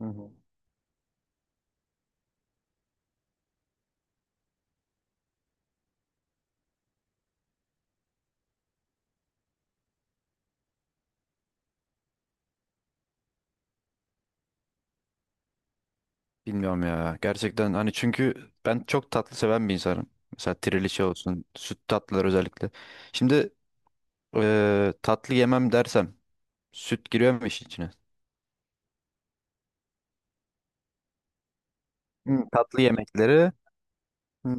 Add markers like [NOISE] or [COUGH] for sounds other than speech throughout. Hı hı. Bilmiyorum ya. Gerçekten hani çünkü ben çok tatlı seven bir insanım. Mesela trileçe olsun, süt tatlılar özellikle. Şimdi tatlı yemem dersem süt giriyor mu işin içine? Hı, tatlı yemekleri. Hı.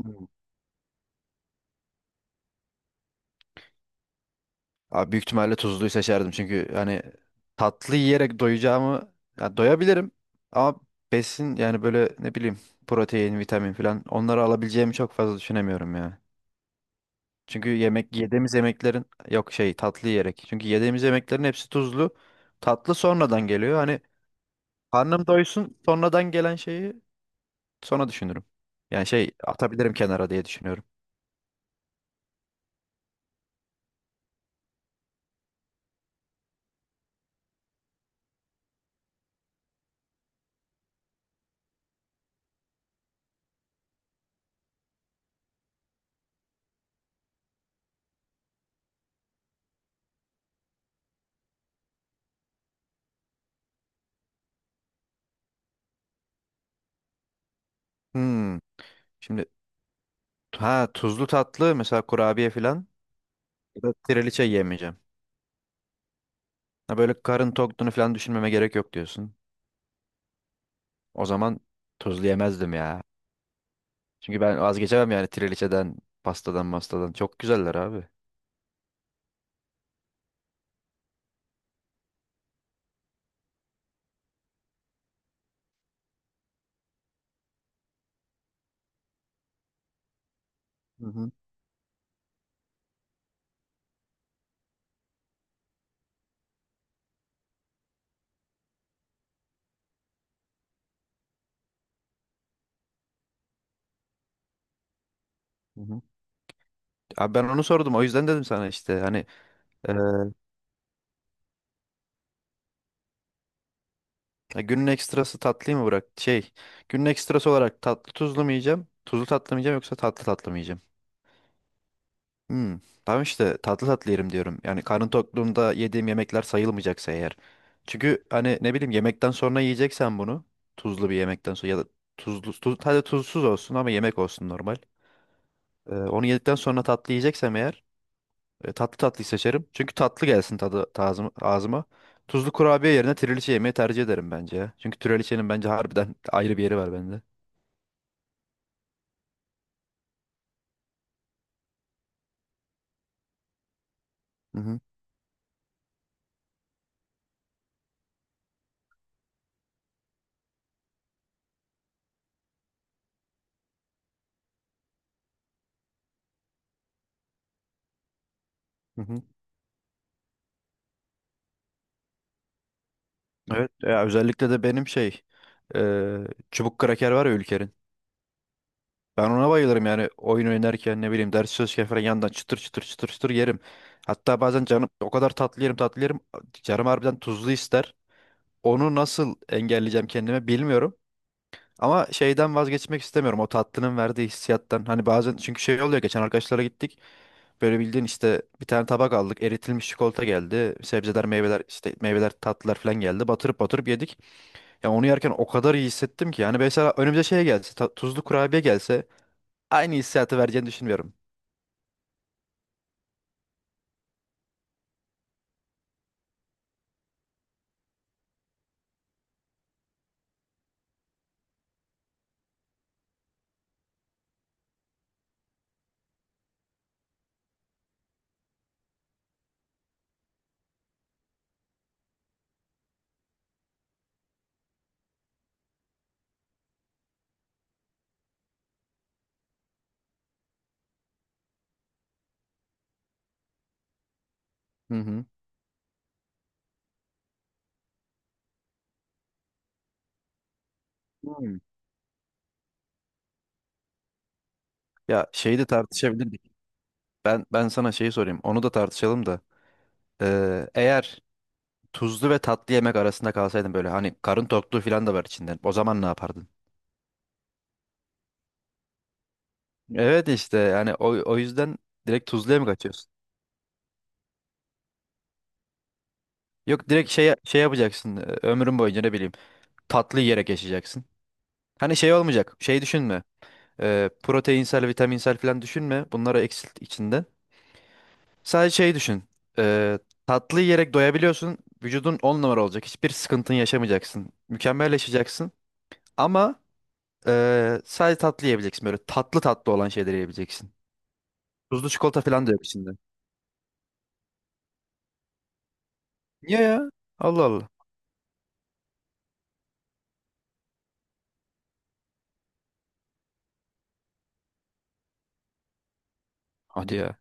Abi büyük ihtimalle tuzluyu seçerdim. Çünkü hani tatlı yiyerek doyacağımı ya doyabilirim ama besin yani böyle ne bileyim protein, vitamin falan onları alabileceğimi çok fazla düşünemiyorum ya. Çünkü yemek yediğimiz yemeklerin. Yok, şey, tatlı yiyerek. Çünkü yediğimiz yemeklerin hepsi tuzlu. Tatlı sonradan geliyor. Hani karnım doysun, sonradan gelen şeyi sonra düşünürüm. Yani şey atabilirim kenara diye düşünüyorum. Hmm. Şimdi ha, tuzlu tatlı mesela kurabiye falan ya da triliçe yemeyeceğim. Ha böyle karın tokluğunu falan düşünmeme gerek yok diyorsun. O zaman tuzlu yemezdim ya. Çünkü ben vazgeçemem yani triliçeden, pastadan, mastadan. Çok güzeller abi. Hı hı. Hı hı. Abi ben onu sordum. O yüzden dedim sana, işte hani. Ee, Ya günün ekstrası tatlıyı mı bırak? Şey, günün ekstrası olarak tatlı tuzlu mu yiyeceğim? Tuzlu tatlı mı yiyeceğim yoksa tatlı tatlı mı yiyeceğim? Hmm, tamam işte tatlı tatlı yerim diyorum. Yani karnım tokluğumda yediğim yemekler sayılmayacaksa eğer. Çünkü hani ne bileyim, yemekten sonra yiyeceksen bunu. Tuzlu bir yemekten sonra ya da tuzlu, hadi tuzsuz olsun ama yemek olsun normal. Onu yedikten sonra tatlı yiyeceksem eğer, tatlı tatlıyı seçerim. Çünkü tatlı gelsin tadı, ağzıma. Tuzlu kurabiye yerine trileçe yemeyi tercih ederim bence ya. Çünkü trileçenin bence harbiden [LAUGHS] ayrı bir yeri var bende. Hı hı. Hı hı. Evet ya, özellikle de benim şey e, çubuk kraker var ya Ülker'in. Ben ona bayılırım yani oyun oynarken ne bileyim, ders çalışırken falan yandan çıtır çıtır çıtır çıtır yerim. Hatta bazen canım o kadar tatlı yerim, tatlı yerim, canım harbiden tuzlu ister. Onu nasıl engelleyeceğim kendime bilmiyorum. Ama şeyden vazgeçmek istemiyorum. O tatlının verdiği hissiyattan. Hani bazen çünkü şey oluyor. Geçen arkadaşlara gittik. Böyle bildiğin işte bir tane tabak aldık. Eritilmiş çikolata geldi. Sebzeler, meyveler, işte meyveler, tatlılar falan geldi. Batırıp batırıp yedik. Ya onu yerken o kadar iyi hissettim ki. Yani mesela önümüze şey gelse, tuzlu kurabiye gelse, aynı hissiyatı vereceğini düşünmüyorum. Hı hı. Hmm. Ya şeyi de tartışabilirdik. Ben sana şeyi sorayım. Onu da tartışalım da. Eğer tuzlu ve tatlı yemek arasında kalsaydın, böyle hani karın tokluğu falan da var içinden, o zaman ne yapardın? Evet işte yani o yüzden direkt tuzluya mı kaçıyorsun? Yok, direkt şey yapacaksın, ömrün boyunca ne bileyim tatlı yiyerek yaşayacaksın. Hani şey olmayacak, şey düşünme, proteinsel vitaminsel falan düşünme, bunları eksilt içinde. Sadece şey düşün, e, tatlı yiyerek doyabiliyorsun, vücudun 10 numara olacak, hiçbir sıkıntın yaşamayacaksın, mükemmel yaşayacaksın ama sadece tatlı yiyebileceksin, böyle tatlı tatlı olan şeyleri yiyebileceksin. Tuzlu çikolata falan da yok içinde. Niye ya? Allah Allah. Hadi ya.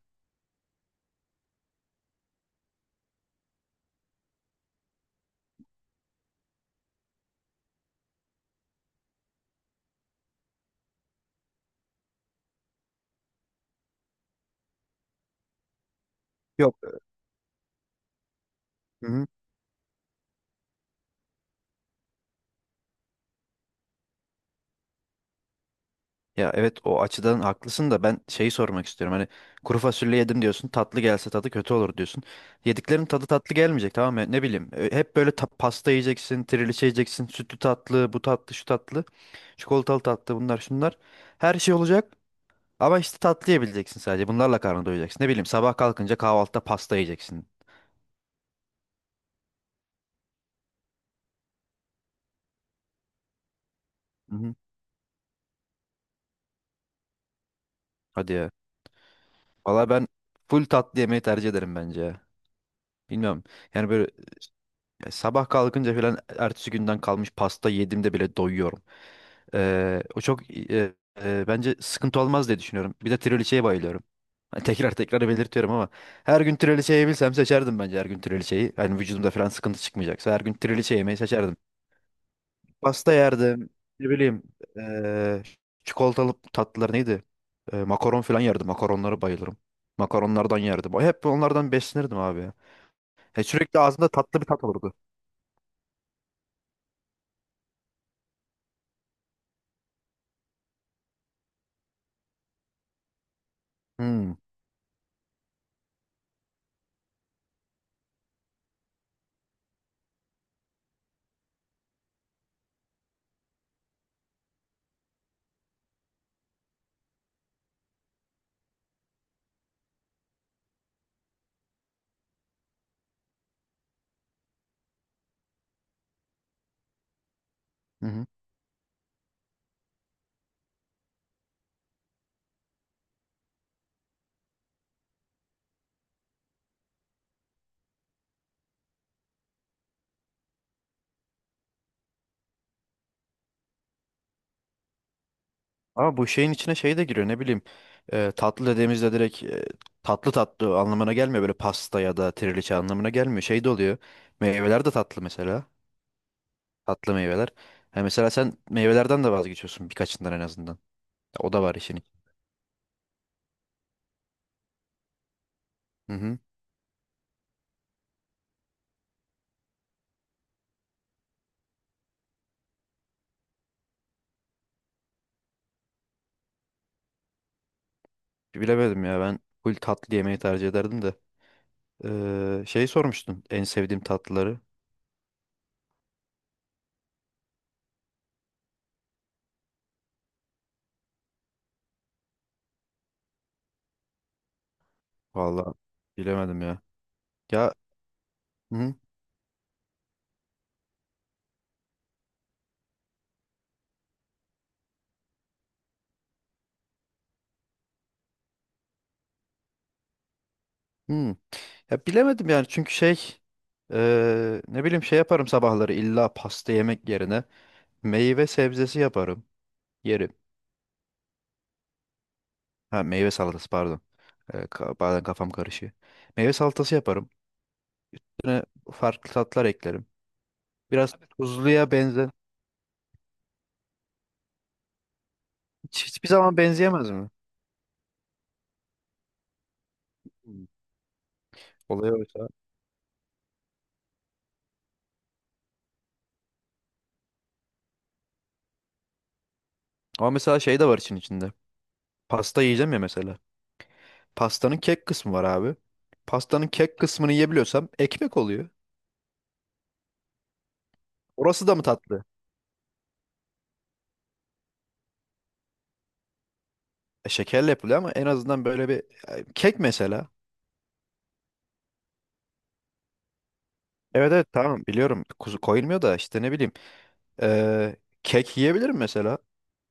Yok. Hı. Ya evet, o açıdan haklısın da ben şeyi sormak istiyorum. Hani kuru fasulye yedim diyorsun. Tatlı gelse tadı kötü olur diyorsun. Yediklerin tadı tatlı gelmeyecek, tamam mı? Ne bileyim. Hep böyle pasta yiyeceksin, trileçe yiyeceksin, sütlü tatlı, bu tatlı, şu tatlı, çikolatalı tatlı, bunlar şunlar. Her şey olacak ama işte tatlı yiyebileceksin sadece. Bunlarla karnını doyacaksın. Ne bileyim, sabah kalkınca kahvaltıda pasta yiyeceksin. Hı hı. Hadi ya. Valla ben full tatlı yemeyi tercih ederim bence ya. Bilmiyorum. Yani böyle. E, Sabah kalkınca falan ertesi günden kalmış pasta yediğimde bile doyuyorum. O çok bence sıkıntı olmaz diye düşünüyorum. Bir de trileçeye bayılıyorum. [LAUGHS] Ha, tekrar tekrar belirtiyorum ama her gün trileçe yiyebilsem seçerdim bence her gün trileçeyi. Hani vücudumda falan sıkıntı çıkmayacaksa, her gün trileçe yemeyi seçerdim. Pasta yerdim. Ne bileyim, e, çikolatalı tatlılar neydi? Makaron falan yerdim. Makaronlara bayılırım. Makaronlardan yerdim. Hep onlardan beslenirdim abi. Ya. Sürekli ağzımda tatlı bir tat olurdu. Hmm. Hı hı. Ama bu şeyin içine şey de giriyor, ne bileyim. Tatlı dediğimizde direkt tatlı tatlı anlamına gelmiyor. Böyle pasta ya da triliçe anlamına gelmiyor. Şey de oluyor. Meyveler de tatlı mesela. Tatlı meyveler. Ha, mesela sen meyvelerden de vazgeçiyorsun, birkaçından en azından. O da var işin. Hı hı. Bilemedim ya, ben full tatlı yemeği tercih ederdim de. Şey sormuştun en sevdiğim tatlıları. Vallahi bilemedim ya. Ya hı. Hmm. Ya bilemedim yani, çünkü şey ne bileyim, şey yaparım sabahları, illa pasta yemek yerine meyve sebzesi yaparım, yerim. Ha, meyve salatası pardon. Bazen kafam karışıyor. Meyve salatası yaparım. Üstüne farklı tatlar eklerim. Biraz tuzluya benzer. Hiçbir zaman benzeyemez mi? Hmm. Olay oysa. Ama mesela şey de var içinde. Pasta yiyeceğim ya mesela. Pastanın kek kısmı var abi. Pastanın kek kısmını yiyebiliyorsam ekmek oluyor. Orası da mı tatlı? Şekerle yapılıyor ama en azından böyle bir kek mesela. Evet, evet, tamam biliyorum kuzu koyulmuyor da, işte ne bileyim e, kek yiyebilirim mesela.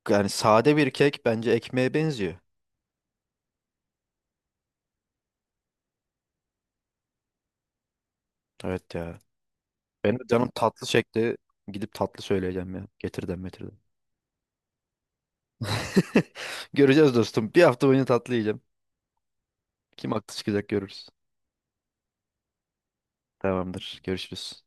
Yani sade bir kek bence ekmeğe benziyor. Evet ya. Benim de canım tatlı çekti. Gidip tatlı söyleyeceğim ya. Getirden metirden. [LAUGHS] Göreceğiz dostum. Bir hafta boyunca tatlı yiyeceğim. Kim haklı çıkacak görürüz. Tamamdır. Görüşürüz.